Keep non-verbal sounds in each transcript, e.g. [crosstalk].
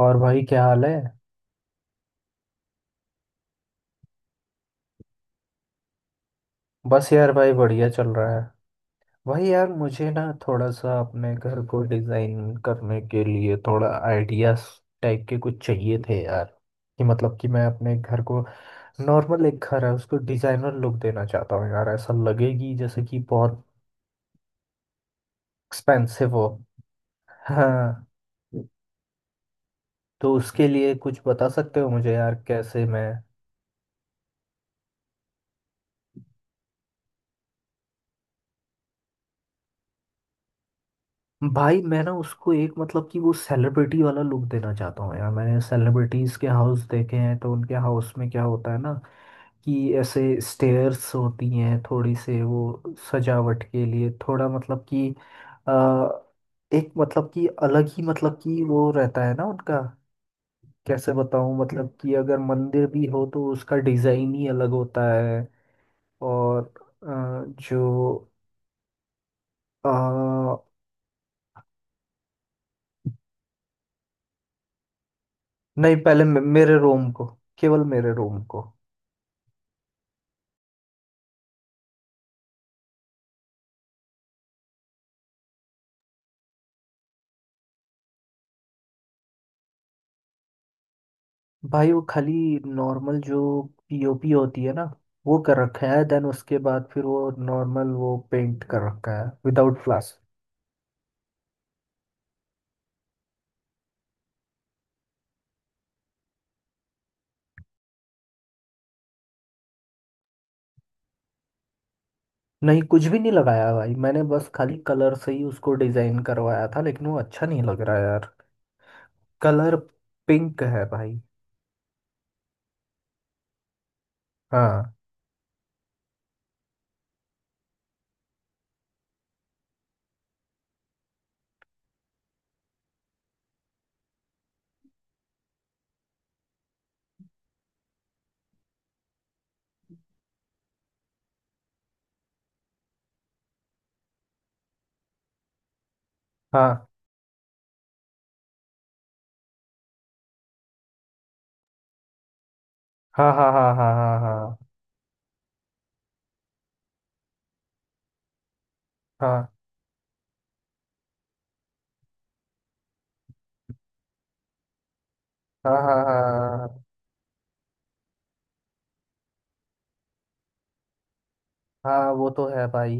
और भाई क्या हाल है। बस यार भाई बढ़िया चल रहा है। भाई यार मुझे ना थोड़ा सा अपने घर को डिजाइन करने के लिए थोड़ा आइडियाज टाइप के कुछ चाहिए थे यार। कि मतलब कि मैं अपने घर को, नॉर्मल एक घर है, उसको डिजाइनर लुक देना चाहता हूँ यार। ऐसा लगेगी जैसे कि बहुत एक्सपेंसिव हो। हाँ। तो उसके लिए कुछ बता सकते हो मुझे यार, कैसे मैं। भाई मैं ना उसको एक, मतलब कि वो सेलिब्रिटी वाला लुक देना चाहता हूँ यार। मैंने सेलिब्रिटीज के हाउस देखे हैं तो उनके हाउस में क्या होता है ना, कि ऐसे स्टेयर्स होती हैं थोड़ी से, वो सजावट के लिए थोड़ा, मतलब कि अ, एक, मतलब कि अलग ही, मतलब कि वो रहता है ना उनका। कैसे बताऊँ, मतलब कि अगर मंदिर भी हो तो उसका डिजाइन ही अलग होता है। और अ, जो नहीं, पहले मेरे रोम को, केवल मेरे रोम को। भाई वो खाली नॉर्मल जो पीओपी होती है ना वो कर रखा है, देन उसके बाद फिर वो नॉर्मल वो पेंट कर रखा है विदाउट फ्लास। नहीं, कुछ भी नहीं लगाया भाई। मैंने बस खाली कलर से ही उसको डिजाइन करवाया था, लेकिन वो अच्छा नहीं लग रहा है यार। कलर पिंक है भाई। हाँ। हाँ, हाँ, हाँ, हाँ, हाँ। हाँ, हाँ, हाँ, हाँ, हाँ। हाँ, हाँ हाँ, वो तो है भाई।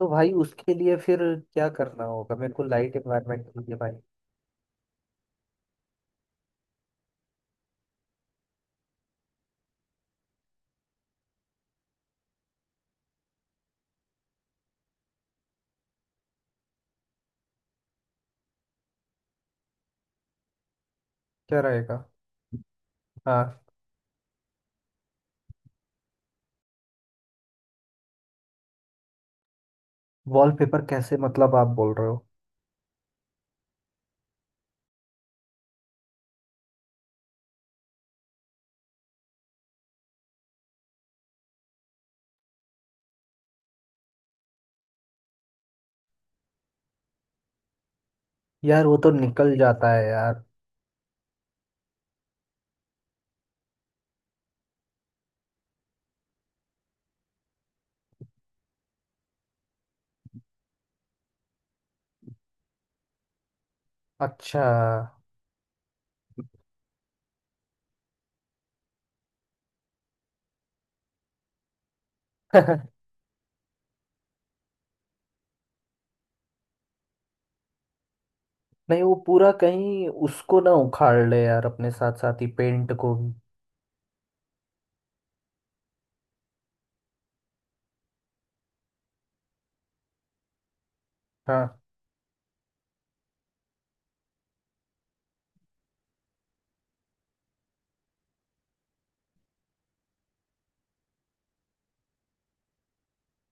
तो भाई उसके लिए फिर क्या करना होगा, मेरे को लाइट एनवायरनमेंट चाहिए भाई। क्या रहेगा? हाँ। वॉलपेपर कैसे मतलब, आप बोल रहे हो? यार वो तो निकल जाता है यार। अच्छा। [laughs] नहीं वो पूरा कहीं उसको ना उखाड़ ले यार, अपने साथ साथ ही पेंट को भी। हाँ।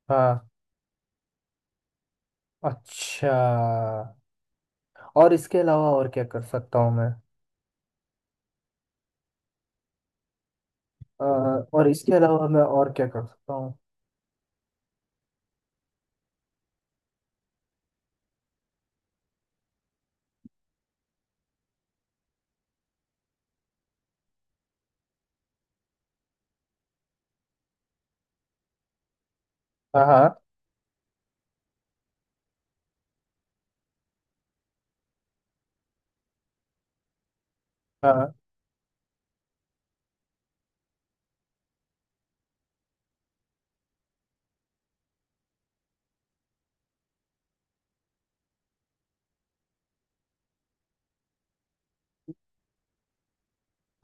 हाँ। अच्छा, और इसके अलावा और क्या कर सकता हूँ मैं? अ, और इसके अलावा मैं और क्या कर सकता हूँ? हाँ, हाँ। हाँ।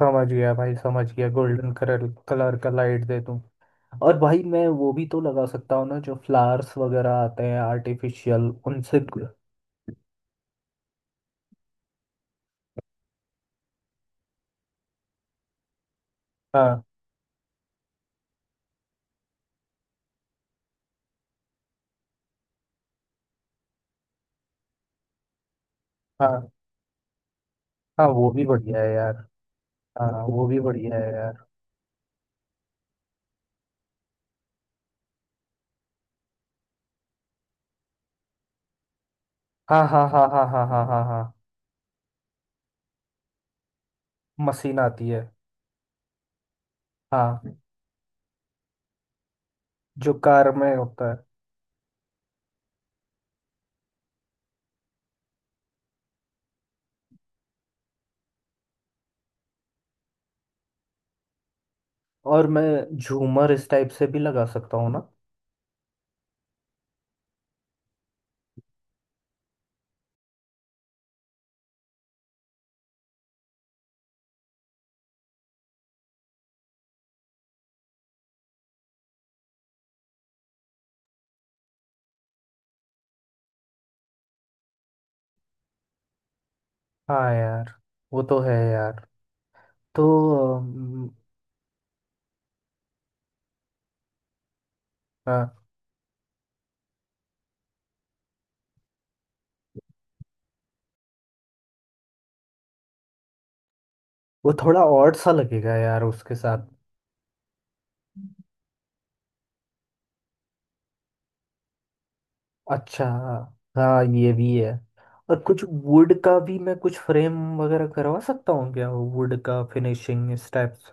समझ गया भाई, समझ गया। गोल्डन कलर कलर का लाइट दे दूं। और भाई मैं वो भी तो लगा सकता हूँ ना, जो फ्लावर्स वगैरह आते हैं आर्टिफिशियल, उनसे। हाँ। हाँ, हाँ। वो भी बढ़िया है यार। हाँ, हाँ, वो भी बढ़िया है यार। हाँ, हाँ, हाँ, हाँ, हाँ, हाँ, हाँ, हाँ। मशीन आती है? हाँ। जो कार में होता है। और मैं झूमर इस टाइप से भी लगा सकता हूँ ना? हाँ यार, वो तो है यार। तो अम, हाँ वो थोड़ा और सा लगेगा यार उसके साथ। अच्छा। हाँ ये भी है। और कुछ वुड का भी मैं कुछ फ्रेम वगैरह करवा सकता हूँ क्या, वो वुड का फिनिशिंग स्टेप्स?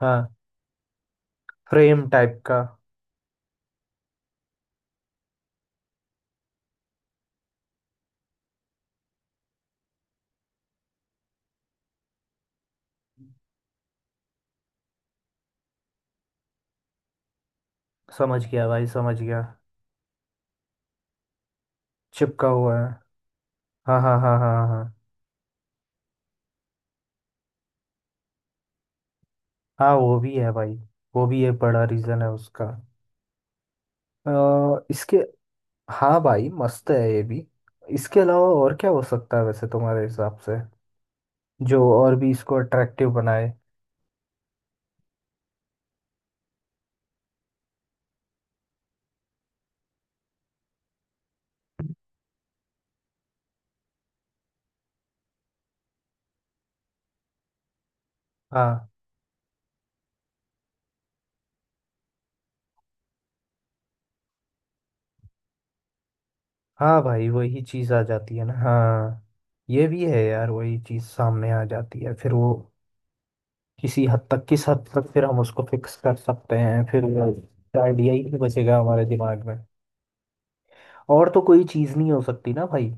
हाँ। फ्रेम टाइप का? समझ गया भाई, समझ गया। चिपका हुआ है। हाँ, हाँ, हाँ, हाँ, हाँ। हाँ, वो भी है भाई। वो भी एक बड़ा रीज़न है उसका। अ, इसके हाँ भाई मस्त है ये भी। इसके अलावा और क्या हो सकता है वैसे तुम्हारे हिसाब से, जो और भी इसको अट्रैक्टिव बनाए? हाँ। हाँ भाई, वही चीज़ आ जाती है ना। हाँ ये भी है यार, वही चीज़ सामने आ जाती है फिर वो। किसी हद तक, किस हद तक फिर हम उसको फिक्स कर सकते हैं, फिर वो आइडिया ही नहीं बचेगा हमारे दिमाग में। और तो कोई चीज़ नहीं हो सकती ना भाई?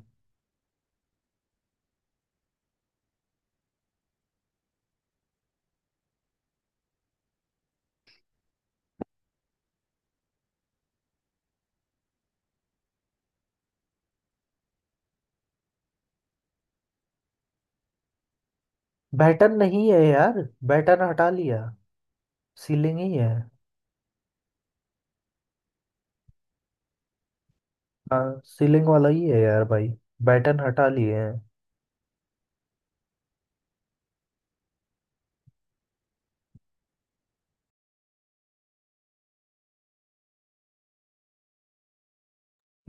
बैटन नहीं है यार, बैटन हटा लिया, सीलिंग ही है। हाँ सीलिंग वाला ही है यार भाई, बैटन हटा लिए हैं।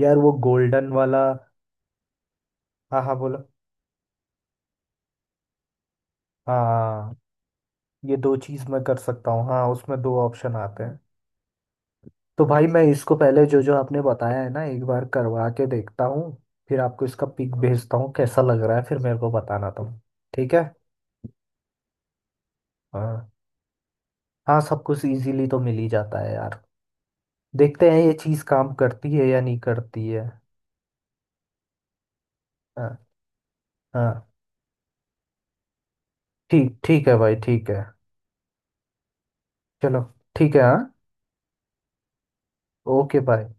यार वो गोल्डन वाला। हाँ, हाँ, बोलो। हाँ। ये दो चीज़ मैं कर सकता हूँ, हाँ उसमें दो ऑप्शन आते हैं। तो भाई मैं इसको पहले जो जो आपने बताया है ना एक बार करवा के देखता हूँ, फिर आपको इसका पिक भेजता हूँ कैसा लग रहा है, फिर मेरे को बताना तुम। ठीक है। हाँ। हाँ सब कुछ इजीली तो मिल ही जाता है यार। देखते हैं ये चीज़ काम करती है या नहीं करती है। हाँ। हाँ ठीक, ठीक है भाई, ठीक है। चलो ठीक है। हाँ। Okay bye.